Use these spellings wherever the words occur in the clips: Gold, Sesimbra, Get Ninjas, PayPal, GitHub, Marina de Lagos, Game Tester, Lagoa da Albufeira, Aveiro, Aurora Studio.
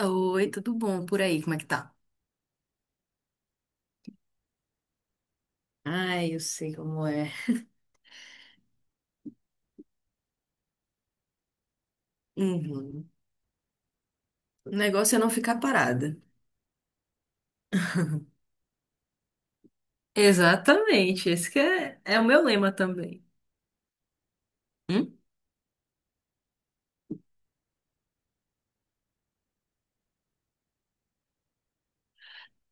Oi, tudo bom por aí? Como é que tá? Ai, eu sei como é. Uhum. O negócio é não ficar parada. Exatamente, esse que é, é o meu lema também. Hum?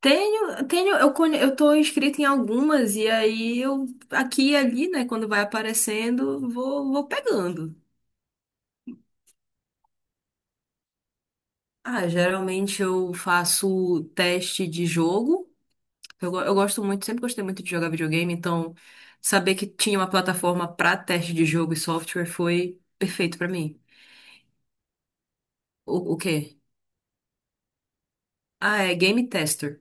Tenho, tenho, eu tô inscrita em algumas e aí eu aqui e ali, né, quando vai aparecendo, vou pegando. Ah, geralmente eu faço teste de jogo. Eu gosto muito, sempre gostei muito de jogar videogame, então saber que tinha uma plataforma pra teste de jogo e software foi perfeito pra mim. O quê? Ah, é Game Tester.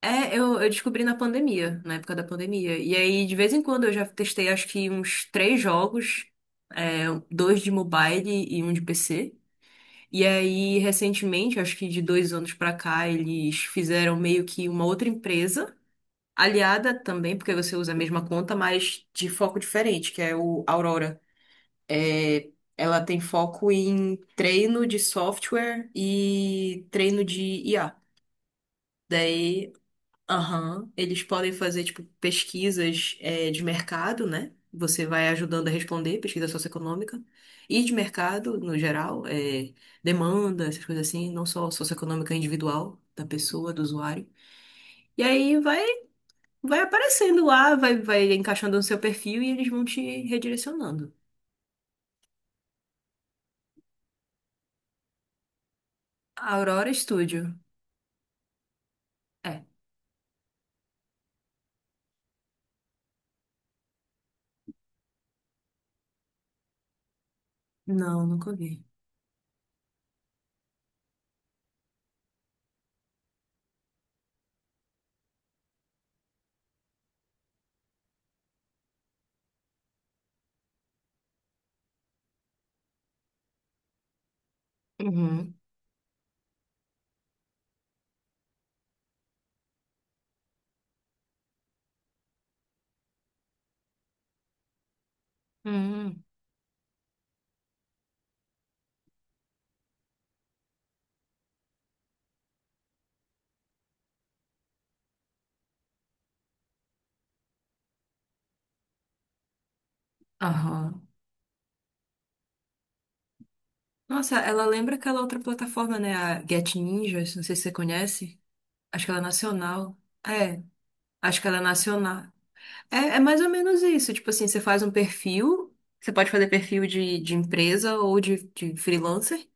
É, eu descobri na pandemia, na época da pandemia. E aí, de vez em quando, eu já testei acho que uns três jogos, é, dois de mobile e um de PC. E aí, recentemente, acho que de dois anos pra cá, eles fizeram meio que uma outra empresa, aliada também, porque você usa a mesma conta, mas de foco diferente, que é o Aurora. É, ela tem foco em treino de software e treino de IA. Daí. Aham. Eles podem fazer, tipo, pesquisas, é, de mercado, né? Você vai ajudando a responder, pesquisa socioeconômica. E de mercado, no geral, é, demanda, essas coisas assim, não só socioeconômica individual da pessoa, do usuário. E aí vai, aparecendo lá, vai encaixando no seu perfil e eles vão te redirecionando. Aurora Studio. É. Não, nunca vi. Uhum. Hum. Aham. Nossa, ela lembra aquela outra plataforma, né? A Get Ninjas, não sei se você conhece. Acho que ela é nacional. É, acho que ela é nacional. É, é mais ou menos isso. Tipo assim, você faz um perfil, você pode fazer perfil de, empresa ou de freelancer,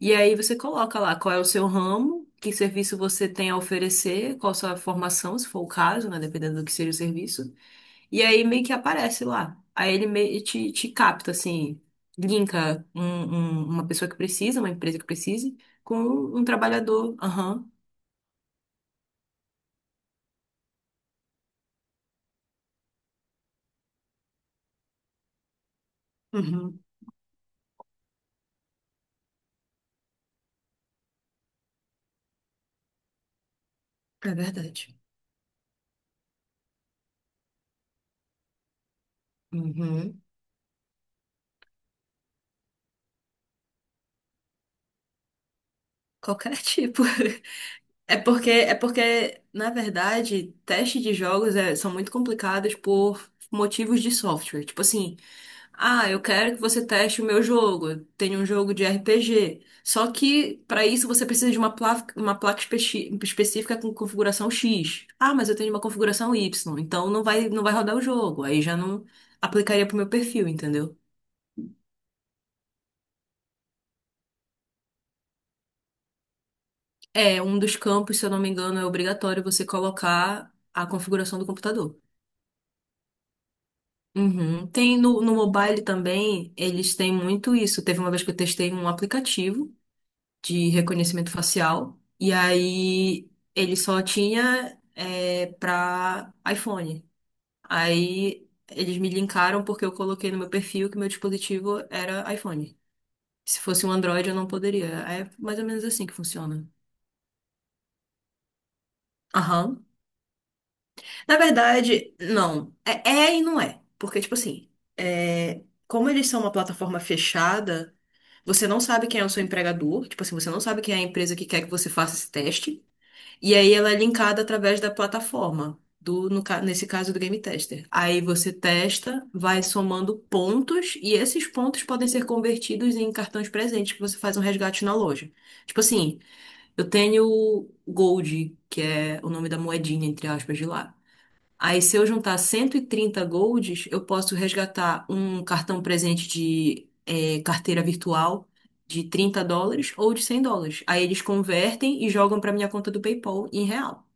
e aí você coloca lá qual é o seu ramo, que serviço você tem a oferecer, qual a sua formação, se for o caso, né? Dependendo do que seja o serviço. E aí meio que aparece lá. Aí ele meio te capta, assim, linka uma pessoa que precisa, uma empresa que precise, com um trabalhador. Aham. Uhum. É verdade. Uhum. Qualquer tipo. É porque, na verdade, testes de jogos são muito complicados por motivos de software. Tipo assim, ah, eu quero que você teste o meu jogo. Eu tenho um jogo de RPG. Só que, para isso, você precisa de uma placa específica com configuração X. Ah, mas eu tenho uma configuração Y. Então, não vai rodar o jogo. Aí já não aplicaria pro meu perfil, entendeu? É, um dos campos, se eu não me engano, é obrigatório você colocar a configuração do computador. Uhum. Tem no mobile também, eles têm muito isso. Teve uma vez que eu testei um aplicativo de reconhecimento facial, e aí ele só tinha para iPhone. Aí eles me linkaram porque eu coloquei no meu perfil que meu dispositivo era iPhone. Se fosse um Android, eu não poderia. É mais ou menos assim que funciona. Aham. Na verdade, não. É, é e não é. Porque, tipo assim, é, como eles são uma plataforma fechada. Você não sabe quem é o seu empregador, tipo assim, você não sabe quem é a empresa que quer que você faça esse teste. E aí ela é linkada através da plataforma, do, no ca- nesse caso do Game Tester. Aí você testa, vai somando pontos, e esses pontos podem ser convertidos em cartões presentes que você faz um resgate na loja. Tipo assim, eu tenho Gold, que é o nome da moedinha, entre aspas, de lá. Aí, se eu juntar 130 golds, eu posso resgatar um cartão presente de carteira virtual de 30 dólares ou de 100 dólares. Aí eles convertem e jogam para minha conta do PayPal em real,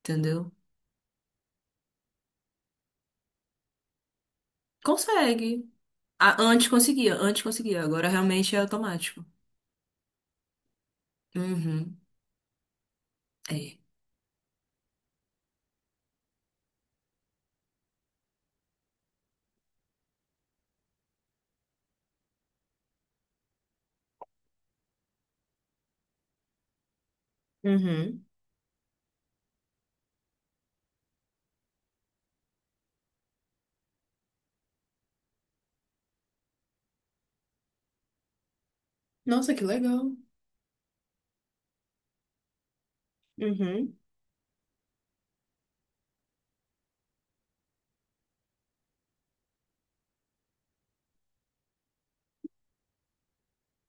entendeu? Consegue. Ah, antes conseguia, antes conseguia. Agora realmente é automático. Uhum. É. Uhum. Nossa, que legal. Uhum.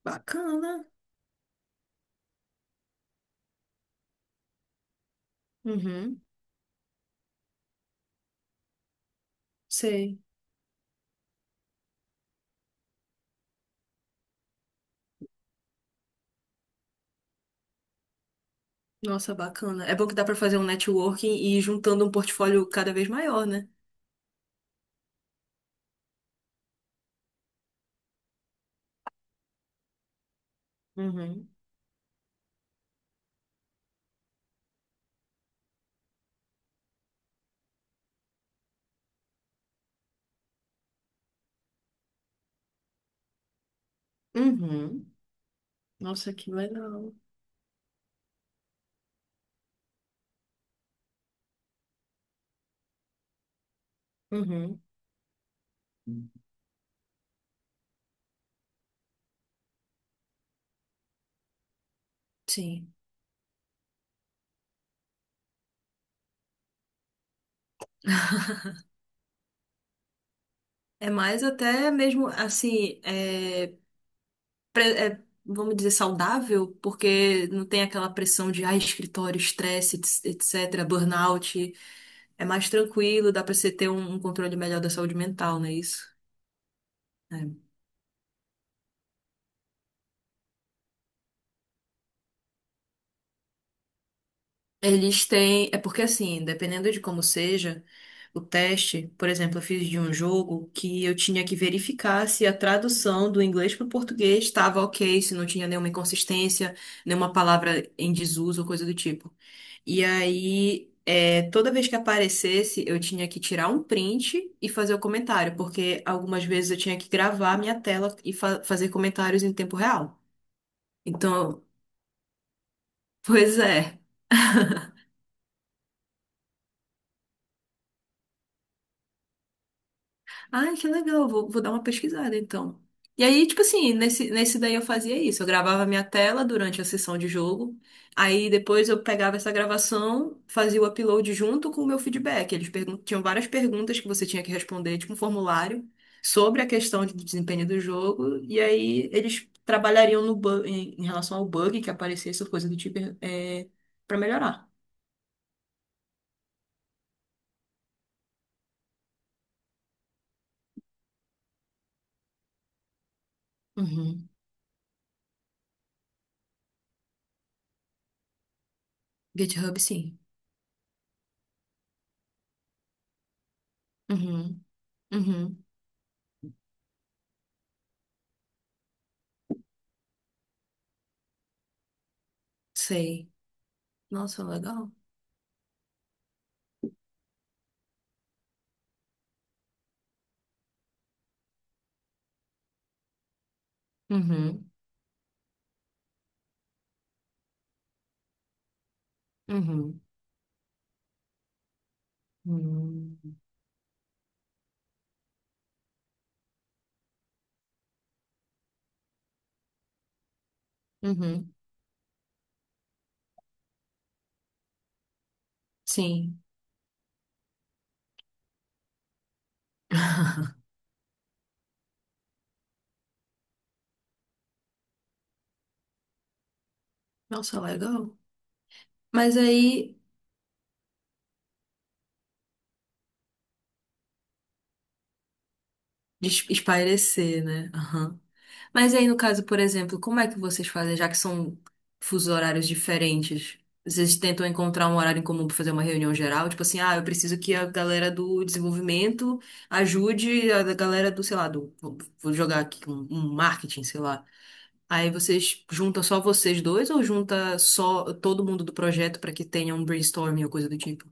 Bacana. Uhum. Sei. Nossa, bacana. É bom que dá para fazer um networking e ir juntando um portfólio cada vez maior, né? Uhum. Uhum. Nossa, que legal. Uhum. Sim. É mais até mesmo assim, vamos dizer, saudável, porque não tem aquela pressão de escritório, estresse, etc, etc, burnout. É mais tranquilo, dá pra você ter um, controle melhor da saúde mental, não é isso? É. Eles têm. É porque assim, dependendo de como seja o teste, por exemplo, eu fiz de um jogo que eu tinha que verificar se a tradução do inglês para o português estava ok, se não tinha nenhuma inconsistência, nenhuma palavra em desuso ou coisa do tipo. E aí, toda vez que aparecesse, eu tinha que tirar um print e fazer o comentário, porque algumas vezes eu tinha que gravar a minha tela e fazer comentários em tempo real. Então, pois é. Ai, que legal, vou dar uma pesquisada então. E aí, tipo assim, nesse daí eu fazia isso. Eu gravava minha tela durante a sessão de jogo. Aí depois eu pegava essa gravação, fazia o upload junto com o meu feedback. Eles tinham várias perguntas que você tinha que responder, tipo um formulário, sobre a questão de desempenho do jogo. E aí eles trabalhariam no bu- em, em relação ao bug que aparecesse, ou coisa do tipo, é, para melhorar. Uhum. GitHub, sim. Uhum. Uhum. Sei. Nossa, legal. Uhum, uhum, uhum, uhum, sim. Nossa, legal. Mas aí, espairecer, né? Aham. Mas aí, no caso, por exemplo, como é que vocês fazem, já que são fusos horários diferentes? Vocês tentam encontrar um horário em comum para fazer uma reunião geral? Tipo assim, ah, eu preciso que a galera do desenvolvimento ajude a galera do, sei lá, do, vou jogar aqui um, marketing, sei lá. Aí vocês juntam só vocês dois ou junta só todo mundo do projeto para que tenha um brainstorming ou coisa do tipo?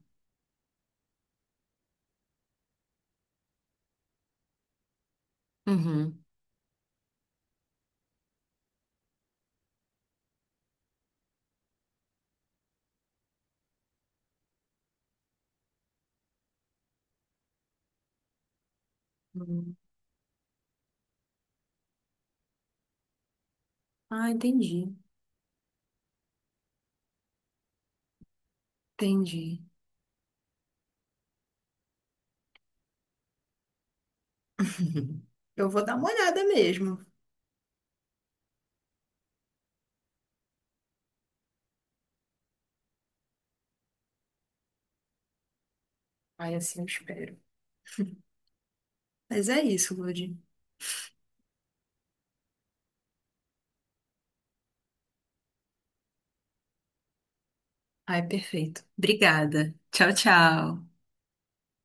Uhum. Hum. Ah, entendi. Entendi. Eu vou dar uma olhada mesmo. Aí assim eu espero. Mas é isso, Lud. Ai, perfeito. Obrigada. Tchau, tchau.